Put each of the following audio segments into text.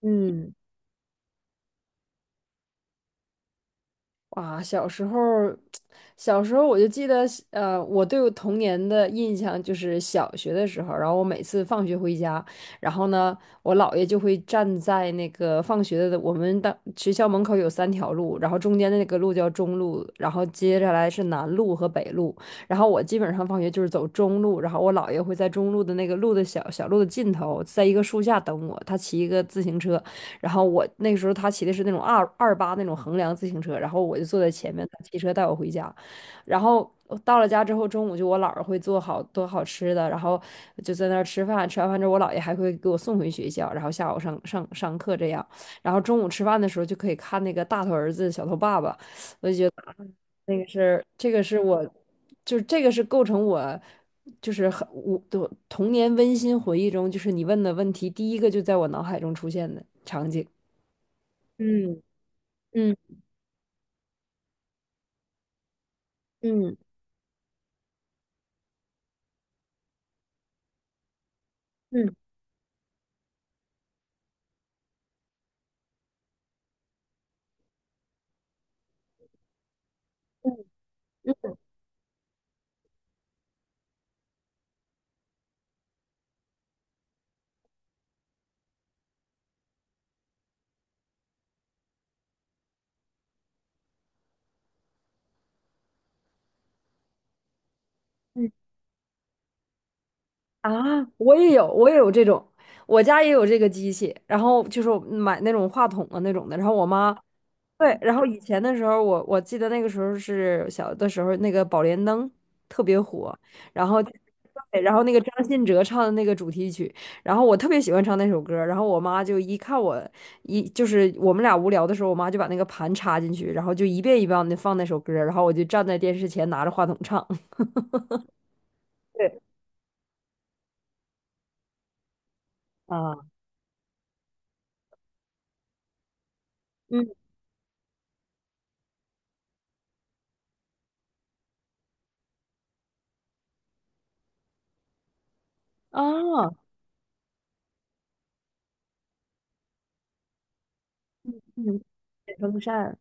嗯，哇，小时候我就记得，我对我童年的印象就是小学的时候，然后我每次放学回家，然后呢，我姥爷就会站在那个放学的我们的学校门口有三条路，然后中间的那个路叫中路，然后接下来是南路和北路，然后我基本上放学就是走中路，然后我姥爷会在中路的那个路的小小路的尽头，在一个树下等我，他骑一个自行车，然后我那个时候他骑的是那种二八那种横梁自行车，然后我就坐在前面，他骑车带我回家。然后我到了家之后，中午就我姥儿会做好多好吃的，然后就在那儿吃饭。吃完饭之后，我姥爷还会给我送回学校，然后下午上课这样。然后中午吃饭的时候就可以看那个大头儿子小头爸爸，那个是这个是我，就是这个是构成我。就是很我的童年温馨回忆中，就是你问的问题，第一个就在我脑海中出现的场景。嗯。嗯嗯。嗯。啊，我也有这种，我家也有这个机器，然后就是买那种话筒的那种的，然后我妈对，然后以前的时候我记得那个时候是小的时候，那个宝莲灯特别火，然后对，然后那个张信哲唱的那个主题曲，然后我特别喜欢唱那首歌儿然后我妈就一看我，就是我们俩无聊的时候，我妈就把那个盘插进去，然后就一遍一遍的放那首歌儿然后我就站在电视前拿着话筒唱。对啊。啊。嗯。风扇。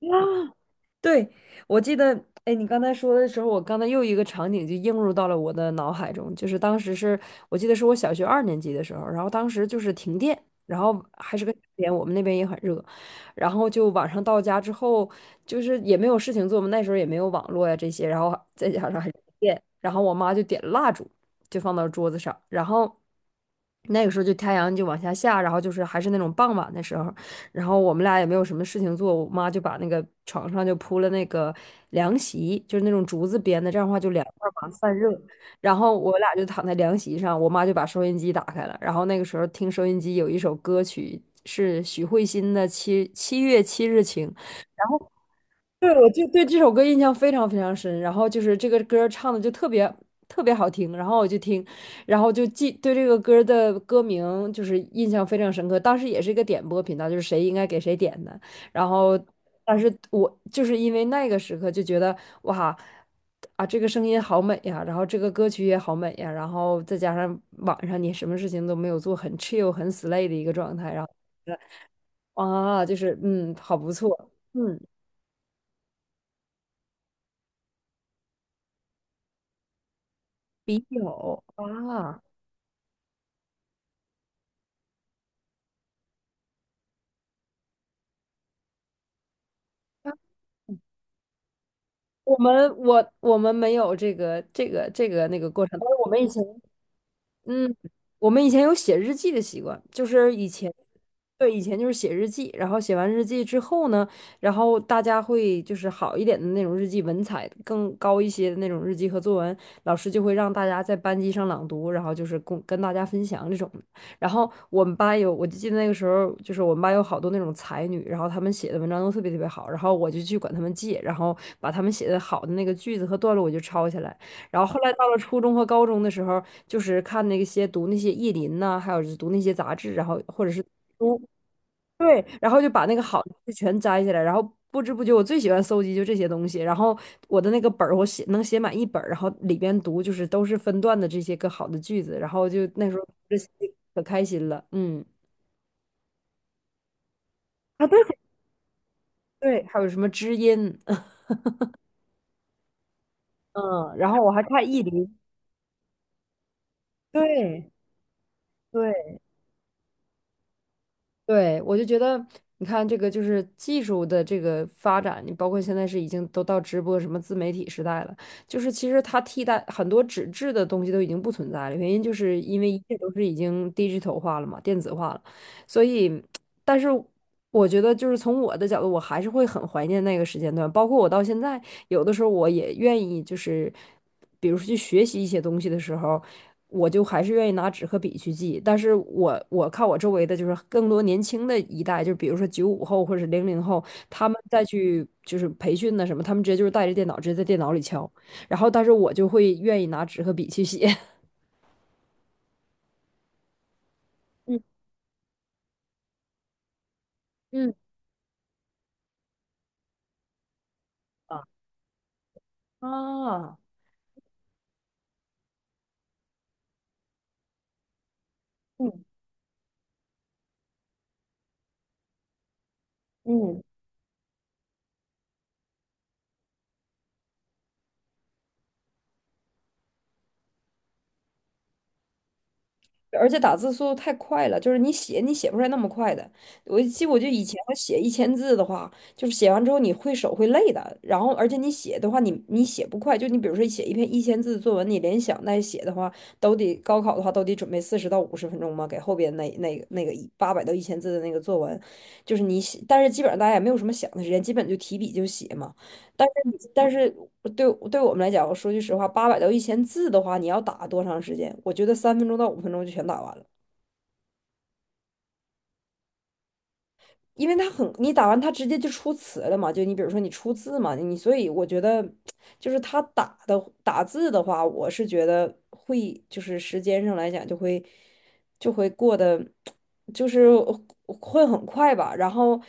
啊，对，我记得，哎，你刚才说的时候，我刚才又一个场景就映入到了我的脑海中，就是当时是我记得是我小学二年级的时候，然后当时就是停电，然后还是个夏天，我们那边也很热，然后就晚上到家之后，就是也没有事情做嘛，那时候也没有网络呀这些，然后再加上还是电，然后我妈就点蜡烛，就放到桌子上，然后。那个时候就太阳就往下下，然后就是还是那种傍晚的时候，然后我们俩也没有什么事情做，我妈就把那个床上就铺了那个凉席，就是那种竹子编的，这样的话就凉快嘛，散热。然后我俩就躺在凉席上，我妈就把收音机打开了，然后那个时候听收音机有一首歌曲是许慧欣的《七月七日晴》。然后。对，我就对这首歌印象非常非常深，然后就是这个歌儿唱的就特别特别好听，然后我就听，然后就记对这个歌儿的歌名就是印象非常深刻。当时也是一个点播频道，就是谁应该给谁点的，然后但是我就是因为那个时刻就觉得哇啊这个声音好美呀，然后这个歌曲也好美呀，然后再加上晚上你什么事情都没有做，很 chill 很 slay 的一个状态，然后啊就是嗯好不错，嗯笔友啊。我们没有这个这个这个那个过程，但是我们以前嗯，我们以前有写日记的习惯，就是以前，对，以前就是写日记，然后写完日记之后呢，然后大家会就是好一点的那种日记，文采更高一些的那种日记和作文，老师就会让大家在班级上朗读，然后就是跟大家分享这种。然后我们班有，我就记得那个时候，就是我们班有好多那种才女，然后她们写的文章都特别特别好，然后我就去管她们借，然后把她们写的好的那个句子和段落我就抄下来。然后后来到了初中和高中的时候，就是看那些读那些意林呐、还有就是读那些杂志，然后或者是读对，然后就把那个好的就全摘下来，然后不知不觉我最喜欢搜集就这些东西，然后我的那个本儿我写能写满一本儿，然后里边读就是都是分段的这些个好的句子，然后就那时候这可开心了，嗯。啊，对对，还有什么知音，嗯，然后我还看意林，对。对对，我就觉得，你看这个就是技术的这个发展，你包括现在是已经都到直播什么自媒体时代了，就是其实它替代很多纸质的东西都已经不存在了，原因就是因为一切都是已经 digital 化了嘛，电子化了，所以，但是我觉得就是从我的角度，我还是会很怀念那个时间段，包括我到现在，有的时候我也愿意就是，比如说去学习一些东西的时候。我就还是愿意拿纸和笔去记。但是我我看我周围的就是更多年轻的一代，就比如说95后或者是00后，他们再去就是培训的什么，他们直接就是带着电脑直接在电脑里敲。然后，但是我就会愿意拿纸和笔去写。嗯嗯。啊。嗯嗯。而且打字速度太快了，就是你写你写不出来那么快的。我就以前我写一千字的话，就是写完之后你会手会累的，然后而且你写的话你你写不快，就你比如说写一篇一千字的作文，你联想带写的话，都得高考的话都得准备40到50分钟嘛，给后边那个八百到一千字的那个作文，就是你写，但是基本上大家也没有什么想的时间，基本就提笔就写嘛。但是你但是对对我们来讲，我说句实话，八百到一千字的话，你要打多长时间？我觉得3分钟到5分钟就全打完了，因为它很，你打完它直接就出词了嘛，就你比如说你出字嘛，你所以我觉得就是他打字的话，我是觉得会就是时间上来讲就会过得就是会很快吧，然后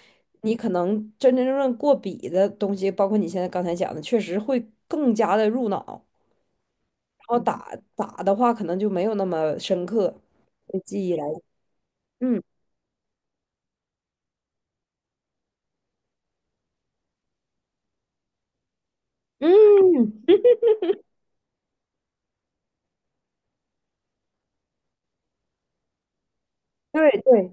你可能真真正正过笔的东西，包括你现在刚才讲的，确实会更加的入脑。然后打的话可能就没有那么深刻，对记忆来，嗯嗯，对对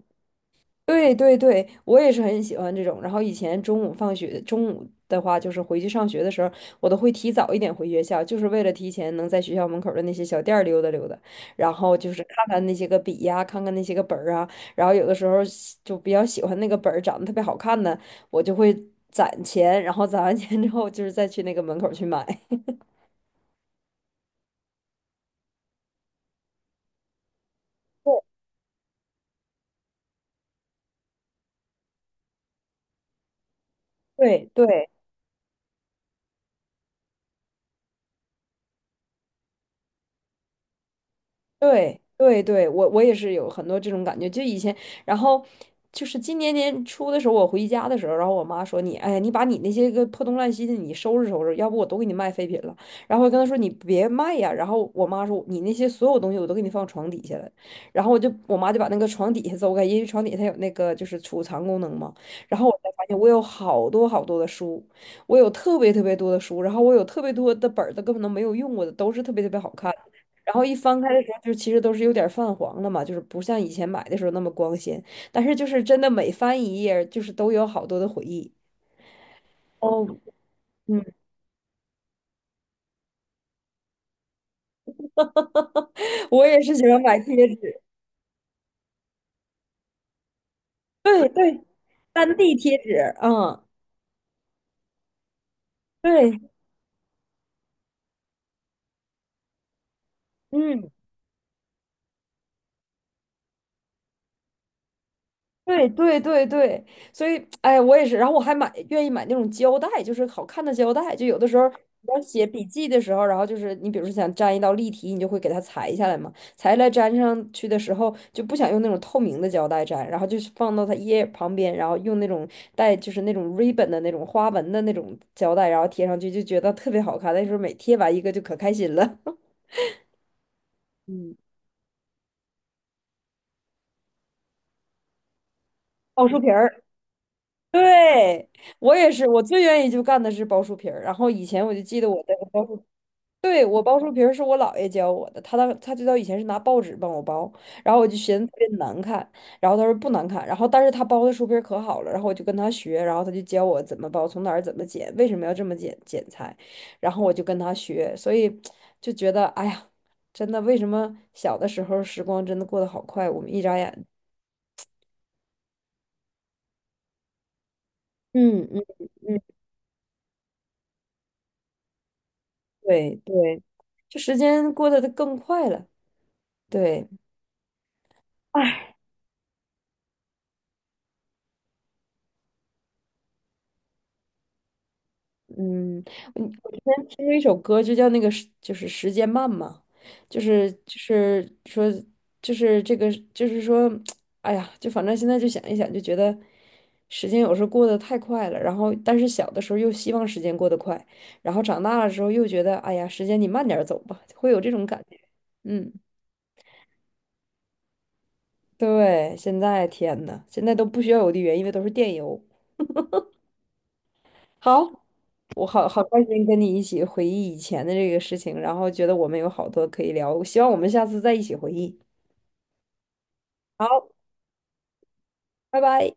对对对，我也是很喜欢这种。然后以前中午放学，中午的话就是回去上学的时候，我都会提早一点回学校，就是为了提前能在学校门口的那些小店儿溜达溜达，然后就是看看那些个笔呀、看看那些个本儿啊，然后有的时候喜就比较喜欢那个本儿长得特别好看的，我就会攒钱，然后攒完钱之后就是再去那个门口去买。对对对对对对，我我也是有很多这种感觉。就以前，然后就是今年年初的时候，我回家的时候，然后我妈说你，哎呀，你把你那些个破东烂西的你收拾收拾，要不我都给你卖废品了。然后我跟她说你别卖呀。然后我妈说你那些所有东西我都给你放床底下了。然后我就我妈就把那个床底下走开，因为床底下它有那个就是储藏功能嘛。然后我才发现我有好多好多的书，我有特别特别多的书，然后我有特别多的本儿都根本都没有用过的，都是特别特别好看。然后一翻开的时候，就其实都是有点泛黄了嘛，就是不像以前买的时候那么光鲜。但是就是真的每翻一页儿就是都有好多的回忆。哦，嗯，我也是喜欢买贴纸，对对，当 D 贴纸，嗯，对，嗯。对对对对，所以哎，我也是，然后我还愿意买那种胶带，就是好看的胶带，就有的时候你要写笔记的时候，然后就是你比如说想粘一道例题，你就会给它裁下来嘛，裁下来粘上去的时候就不想用那种透明的胶带粘，然后就是放到它页旁边，然后用那种带就是那种 ribbon 的那种花纹的那种胶带，然后贴上去就觉得特别好看，那时候每贴完一个就可开心了。嗯，奥数皮儿。对，我也是，我最愿意就干的是包书皮儿。然后以前我就记得我的包书，对，我包书皮儿是我姥爷教我的，他他最早以前是拿报纸帮我包，然后我就寻思特别难看，然后他说不难看，然后但是他包的书皮儿可好了，然后我就跟他学，然后他就教我怎么包，从哪儿怎么剪，为什么要这么剪裁，然后我就跟他学，所以就觉得哎呀，真的为什么小的时候时光真的过得好快，我们一眨眼，嗯嗯嗯。对对，就时间过得更快了。对，哎，嗯，我我之前听过一首歌，就叫那个时就是时间慢嘛，就是就是说就是说，哎呀，就反正现在就想一想，就觉得时间有时候过得太快了。然后，但是小的时候又希望时间过得快，然后长大了之后又觉得，哎呀，时间你慢点儿走吧，会有这种感觉。嗯，对，现在天呐，现在都不需要邮递员，因为都是电邮。好，我好好开心跟你一起回忆以前的这个事情，然后觉得我们有好多可以聊，希望我们下次再一起回忆。好，拜拜。